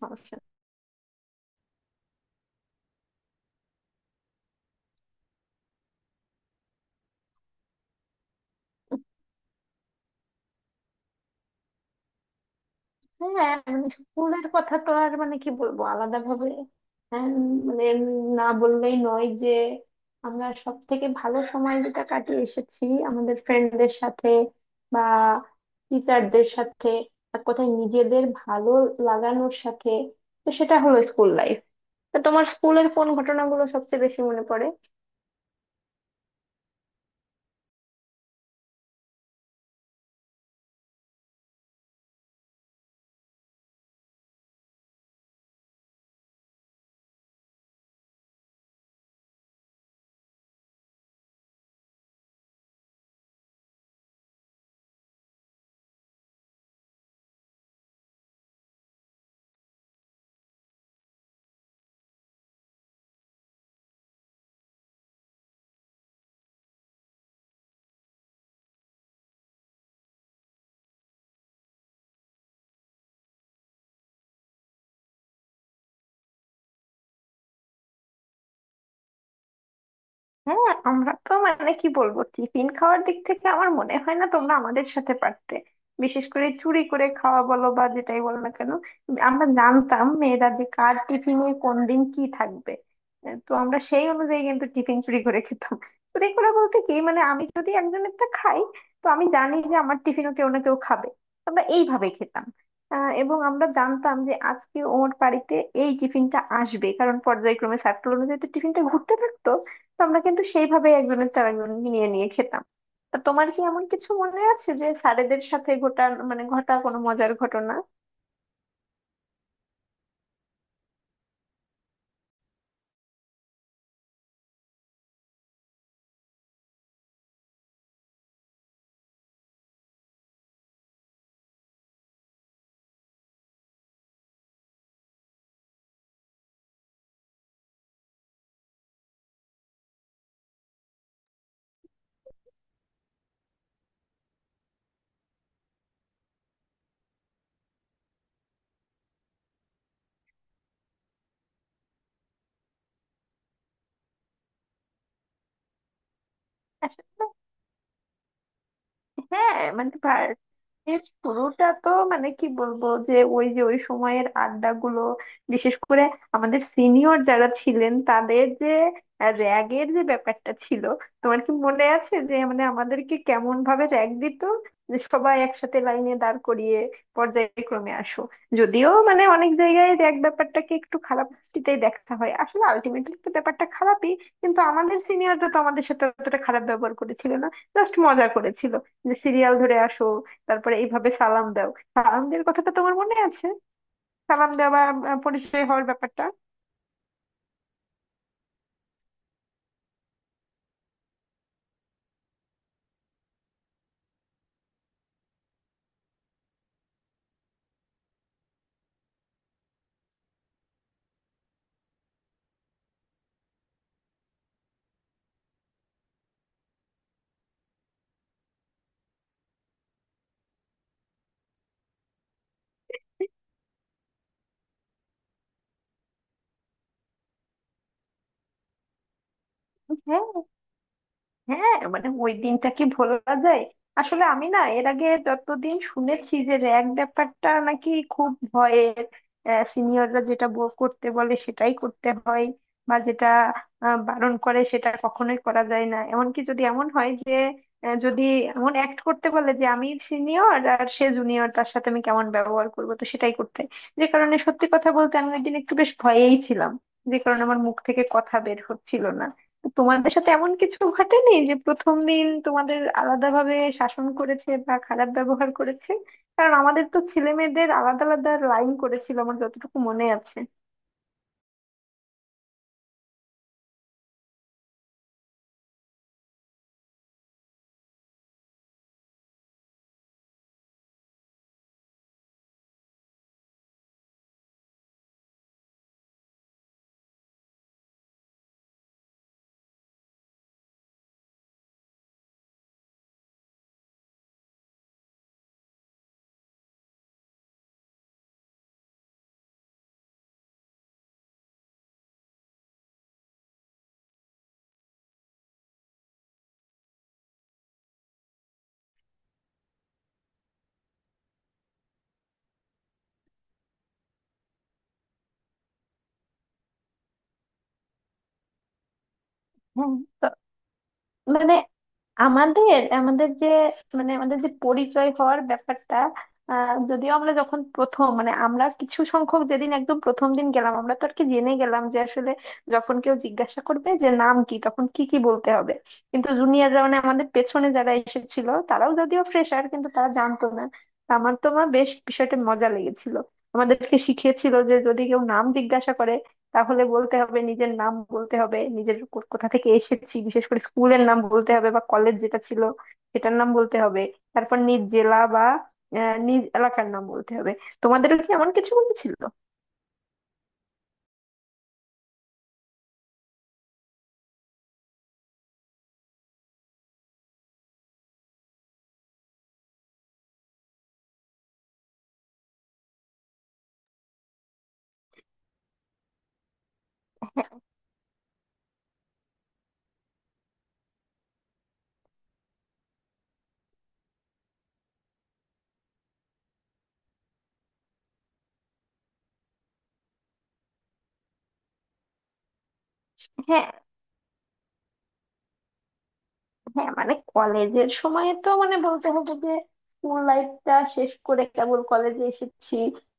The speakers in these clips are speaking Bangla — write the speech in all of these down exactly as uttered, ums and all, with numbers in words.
সমস্যা নেই। হ্যাঁ মানে স্কুলের কথা তো আর মানে কি বলবো আলাদা ভাবে, মানে না বললেই নয় যে আমরা সব থেকে ভালো সময় যেটা কাটিয়ে এসেছি আমাদের ফ্রেন্ডদের সাথে বা টিচারদের সাথে, এক কথায় নিজেদের ভালো লাগানোর সাথে। তো সেটা হলো স্কুল লাইফ। তো তোমার স্কুলের কোন ঘটনাগুলো সবচেয়ে বেশি মনে পড়ে? হ্যাঁ আমরা তো মানে কি বলবো, টিফিন খাওয়ার দিক থেকে আমার মনে হয় না তোমরা আমাদের সাথে পারতে। বিশেষ করে চুরি করে খাওয়া বলো বা যেটাই বলো না কেন, আমরা জানতাম মেয়েরা যে কার টিফিনে কোন দিন কি থাকবে। আহ, তো আমরা সেই অনুযায়ী কিন্তু টিফিন চুরি করে খেতাম। চুরি করে বলতে কি, মানে আমি যদি একজনেরটা খাই তো আমি জানি যে আমার টিফিনও কেউ না কেউ খাবে। আমরা এইভাবে খেতাম। আহ, এবং আমরা জানতাম যে আজকে ওর বাড়িতে এই টিফিনটা আসবে, কারণ পর্যায়ক্রমে সার্কেল অনুযায়ী তো টিফিনটা ঘুরতে থাকতো। তো আমরা কিন্তু সেইভাবে একজনের চার একজনকে নিয়ে নিয়ে খেতাম। তা তোমার কি এমন কিছু মনে আছে যে স্যারেদের সাথে ঘটা, মানে ঘটা কোনো মজার ঘটনা? হ্যাঁ মানে ভার- এর শুরুটা তো মানে কি বলবো, যে ওই যে ওই সময়ের আড্ডাগুলো, বিশেষ করে আমাদের সিনিয়র যারা ছিলেন তাদের যে র্যাগের যে ব্যাপারটা ছিল। তোমার কি মনে আছে যে মানে আমাদেরকে কেমন ভাবে র্যাগ দিত? যে সবাই একসাথে লাইনে দাঁড় করিয়ে পর্যায়ক্রমে আসো। যদিও মানে অনেক জায়গায় র্যাগ ব্যাপারটাকে একটু খারাপ দৃষ্টিতেই দেখা হয়, আসলে আলটিমেটলি তো ব্যাপারটা খারাপই, কিন্তু আমাদের সিনিয়ররা তো আমাদের সাথে অতটা খারাপ ব্যবহার করেছিল না, জাস্ট মজা করেছিল। যে সিরিয়াল ধরে আসো, তারপরে এইভাবে সালাম দাও। সালাম দেওয়ার কথাটা তোমার মনে আছে? সালাম দেওয়া বা আহ, পরিচয় হওয়ার ব্যাপারটা? হ্যাঁ। হ্যাঁ মানে ওই দিনটা কি ভোলা যায়? আসলে আমি না এর আগে যতদিন শুনেছি যে র্যাগ ব্যাপারটা নাকি খুব ভয়ের, সিনিয়ররা যেটা বো- করতে বলে সেটাই করতে হয়, বা যেটা আহ, বারণ করে সেটা কখনোই করা যায় না। এমনকি যদি এমন হয় যে আহ, যদি এমন অ্যাক্ট করতে বলে যে আমি সিনিয়র আর সে জুনিয়র, তার সাথে আমি কেমন ব্যবহার করবো, তো সেটাই করতে হয়। যে কারণে সত্যি কথা বলতে আমি ওই দিন একটু বেশ ভয়েই ছিলাম, যে কারণে আমার মুখ থেকে কথা বের হচ্ছিল না। তোমাদের সাথে এমন কিছু ঘটেনি যে প্রথম দিন তোমাদের আলাদাভাবে শাসন করেছে বা খারাপ ব্যবহার করেছে? কারণ আমাদের তো ছেলে মেয়েদের আলাদা আলাদা লাইন করেছিল আমার যতটুকু মনে আছে। হুম, মানে আমাদের আমাদের যে, মানে আমাদের যে পরিচয় হওয়ার ব্যাপারটা, আহ, যদিও আমরা যখন প্রথম, মানে আমরা কিছু সংখ্যক যেদিন একদম প্রথম দিন গেলাম আমরা তো আর কি জেনে গেলাম যে আসলে যখন কেউ জিজ্ঞাসা করবে যে নাম কি তখন কি কি বলতে হবে। কিন্তু জুনিয়ররা মানে আমাদের পেছনে যারা এসেছিল তারাও যদিও ফ্রেশার কিন্তু তারা জানতো না। আমার তো মা বেশ বিষয়টা মজা লেগেছিল। আমাদেরকে শিখিয়েছিল যে যদি কেউ নাম জিজ্ঞাসা করে তাহলে বলতে হবে, নিজের নাম বলতে হবে, নিজের কো- কোথা থেকে এসেছি বিশেষ করে স্কুলের নাম বলতে হবে বা কলেজ যেটা ছিল সেটার নাম বলতে হবে, তারপর নিজ জেলা বা আহ, নিজ এলাকার নাম বলতে হবে। তোমাদেরও কি এমন কিছু বলেছিল? হ্যাঁ। হ্যাঁ মানে কলেজের সময় তো মানে বলতে হবে যে স্কুল লাইফটা শেষ করে কেবল কলেজে এসেছি,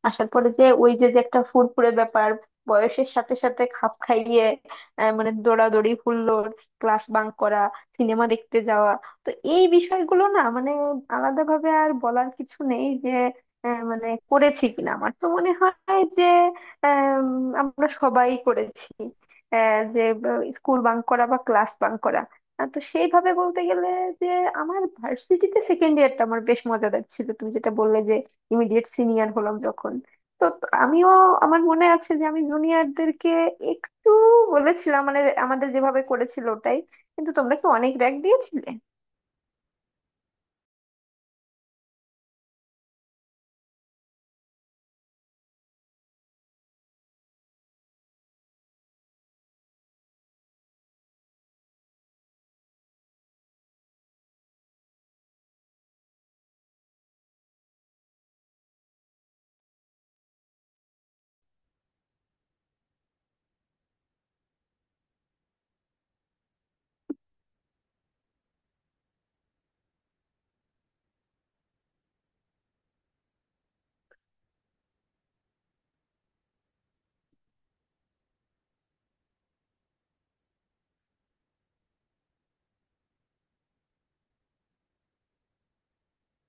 আসার পরে যে ওই যে যে একটা ফুরফুরে ব্যাপার, বয়সের সাথে সাথে খাপ খাইয়ে আহ, মানে দৌড়াদৌড়ি হুল্লোড়, ক্লাস বাঙ্ক করা, সিনেমা দেখতে যাওয়া। তো এই বিষয়গুলো না মানে আলাদাভাবে আর বলার কিছু নেই যে আহ, মানে করেছি কিনা। আমার তো মনে হয় যে আম, আমরা সবাই করেছি আহ, যে স্কুল বাঙ্ক করা বা ক্লাস বাঙ্ক করা। আহ, তো সেইভাবে বলতে গেলে যে আমার ভার্সিটিতে সেকেন্ড ইয়ারটা আমার বেশ মজাদার ছিল, তুমি যেটা বললে যে ইমিডিয়েট সিনিয়র হলাম যখন, তো তো আমিও আমার মনে আছে যে আমি জুনিয়রদেরকে একটু বলেছিলাম, মানে আমাদের যেভাবে করেছিল ওটাই। কিন্তু তোমরা কি অনেক র্যাক দিয়েছিলে?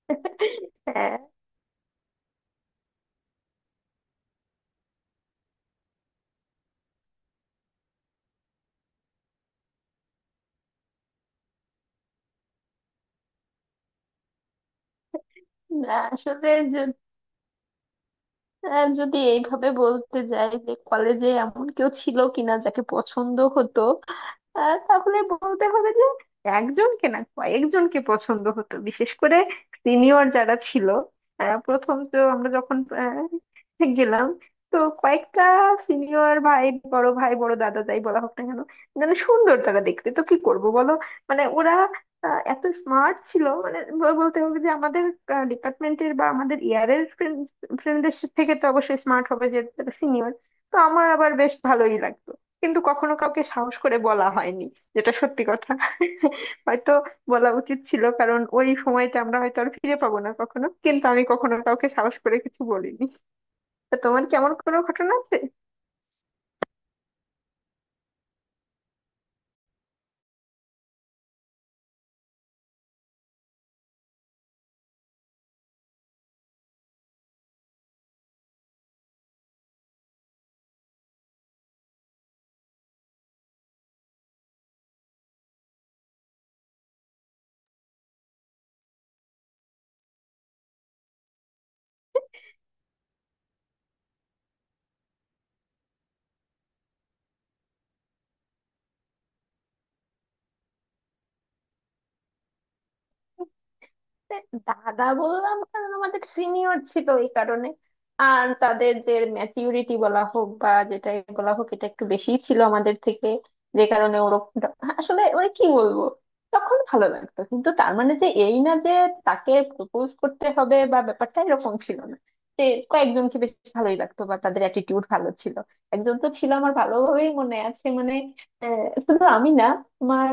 হ্যাঁ। না, আসলে আর যদি এইভাবে বলতে যাই যে কলেজে এমন কেউ ছিল কিনা যাকে পছন্দ হতো, আহ, তাহলে বলতে হবে যে একজনকে না কয়েকজনকে পছন্দ হতো, বিশেষ করে সিনিয়র যারা ছিল। আহ, প্রথম তো আমরা যখন আহ, গেলাম, তো কয়েকটা সিনিয়র ভাই, বড় ভাই বড় দাদা যাই বলা হোক না কেন, মানে সুন্দর তারা দেখতে, তো কি করব বলো। মানে ওরা আহ, এত স্মার্ট ছিল, মানে ব- বলতে হবে যে আমাদের ডিপার্টমেন্টের বা আমাদের ইয়ারের ফ্রেন্ডদের থেকে তো অবশ্যই স্মার্ট হবে যেহেতু তারা সিনিয়র। তো আমার আবার বেশ ভালোই লাগতো, কিন্তু কখনো কাউকে সাহস করে বলা হয়নি, যেটা সত্যি কথা। হয়তো বলা উচিত ছিল, কারণ ওই সময়টা আমরা হয়তো আর ফিরে পাবো না কখনো, কিন্তু আমি কখনো কাউকে সাহস করে কিছু বলিনি। তা তোমার কেমন কোনো ঘটনা আছে? দেখ, দাদা বললাম কারণ আমাদের সিনিয়র ছিল এই কারণে, আর তাদের যে ম্যাচিউরিটি বলা হোক বা যেটাই বলা হোক এটা একটু বেশি ছিল আমাদের থেকে, যে কারণে ওরকম, আসলে ওই কি বলবো, তখন ভালো লাগতো। কিন্তু তার মানে যে এই না যে তাকে প্রপোজ করতে হবে বা ব্যাপারটা এরকম ছিল না, যে কয়েকজনকে বেশ ভালোই লাগতো বা তাদের অ্যাটিটিউড ভালো ছিল। একজন তো ছিল আমার ভালোভাবেই মনে আছে মানে, আহ, শুধু আমি না, আমার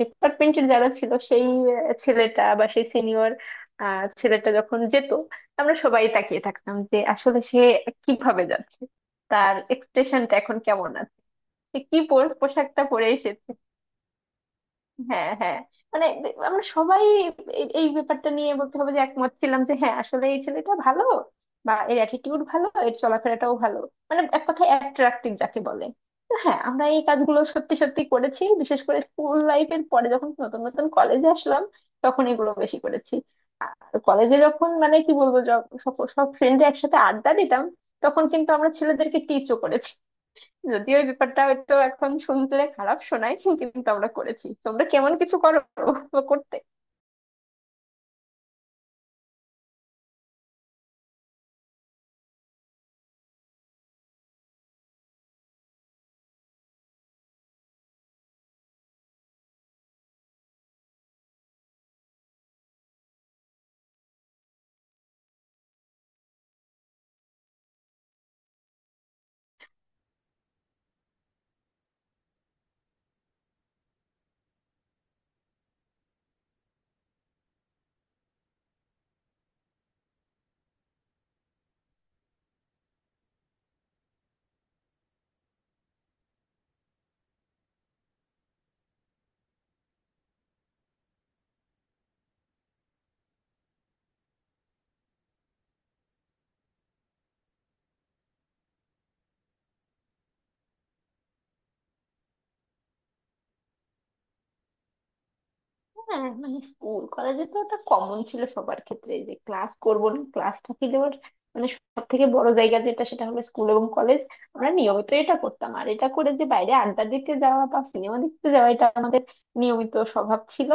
ডিপার্টমেন্টের যারা ছিল, সেই আহ, ছেলেটা বা সেই সিনিয়র ছেলেটা যখন যেত আমরা সবাই তাকিয়ে থাকতাম, যে আসলে সে কিভাবে যাচ্ছে, তার এক্সপ্রেশনটা এখন কেমন আছে, সে কি পো- পোশাকটা পরে এসেছে। হ্যাঁ হ্যাঁ, মানে দে- আমরা সবাই এই এই ব্যাপারটা নিয়ে বলতে হবে যে একমত ছিলাম যে হ্যাঁ আসলে এই ছেলেটা ভালো বা এর অ্যাটিটিউড ভালো, এর চলাফেরাটাও ভালো, মানে এক কথায় অ্যাট্রাক্টিভ যাকে বলে। তো হ্যাঁ আমরা এই কাজগুলো সত্যি সত্যি করেছি, বিশেষ করে স্কুল লাইফের পরে যখন নতুন নতুন কলেজে আসলাম তখন এগুলো বেশি করেছি। আর কলেজে যখন মানে কি বলবো, য- সব সব ফ্রেন্ডরা একসাথে আড্ডা দিতাম তখন কিন্তু আমরা ছেলেদেরকে টিচও করেছি। যদিও এই ব্যাপারটা হয়তো এখন শুনলে খারাপ শোনায়, কিন্তু আমরা করেছি। তোমরা কেমন কিছু করো বা করতে? হ্যাঁ মানে স্কুল কলেজে তো ওটা কমন ছিল সবার ক্ষেত্রে যে ক্লাস করব না, ক্লাসটা কি দেওয়ার, মানে সব থেকে বড় জায়গা যেটা সেটা হলো স্কুল এবং কলেজ। আমরা নিয়মিত এটা করতাম, আর এটা করে যে বাইরে আড্ডা দিতে যাওয়া বা সিনেমা দেখতে যাওয়া, এটা আমাদের নিয়মিত স্বভাব ছিল।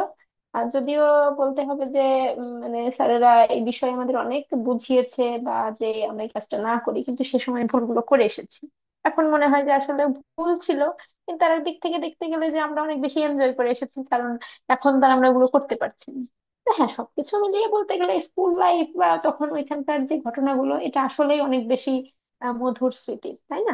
আর যদিও বলতে হবে যে উম, মানে স্যারেরা এই বিষয়ে আমাদের অনেক বুঝিয়েছে বা যে আমরা এই কাজটা না করি, কিন্তু সে সময় ভুলগুলো করে এসেছি। এখন মনে হয় যে আসলে ভুল ছিল, কিন্তু আর দিক থেকে দেখতে গেলে যে আমরা অনেক বেশি এনজয় করে এসেছি। এখন তো আর আমরা ওগুলো করতে পারছি না। তো হ্যাঁ সবকিছু মিলিয়ে বলতে গেলে স্কুল লাইফ বা তখন ওইখানকার যে ঘটনাগুলো, এটা আসলেই অনেক বেশি আহ, মধুর স্মৃতি, তাই না?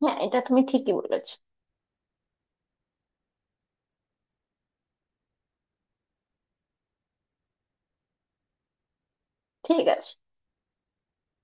হ্যাঁ এটা তুমি ঠিকই বলেছো। ঠিক আছে।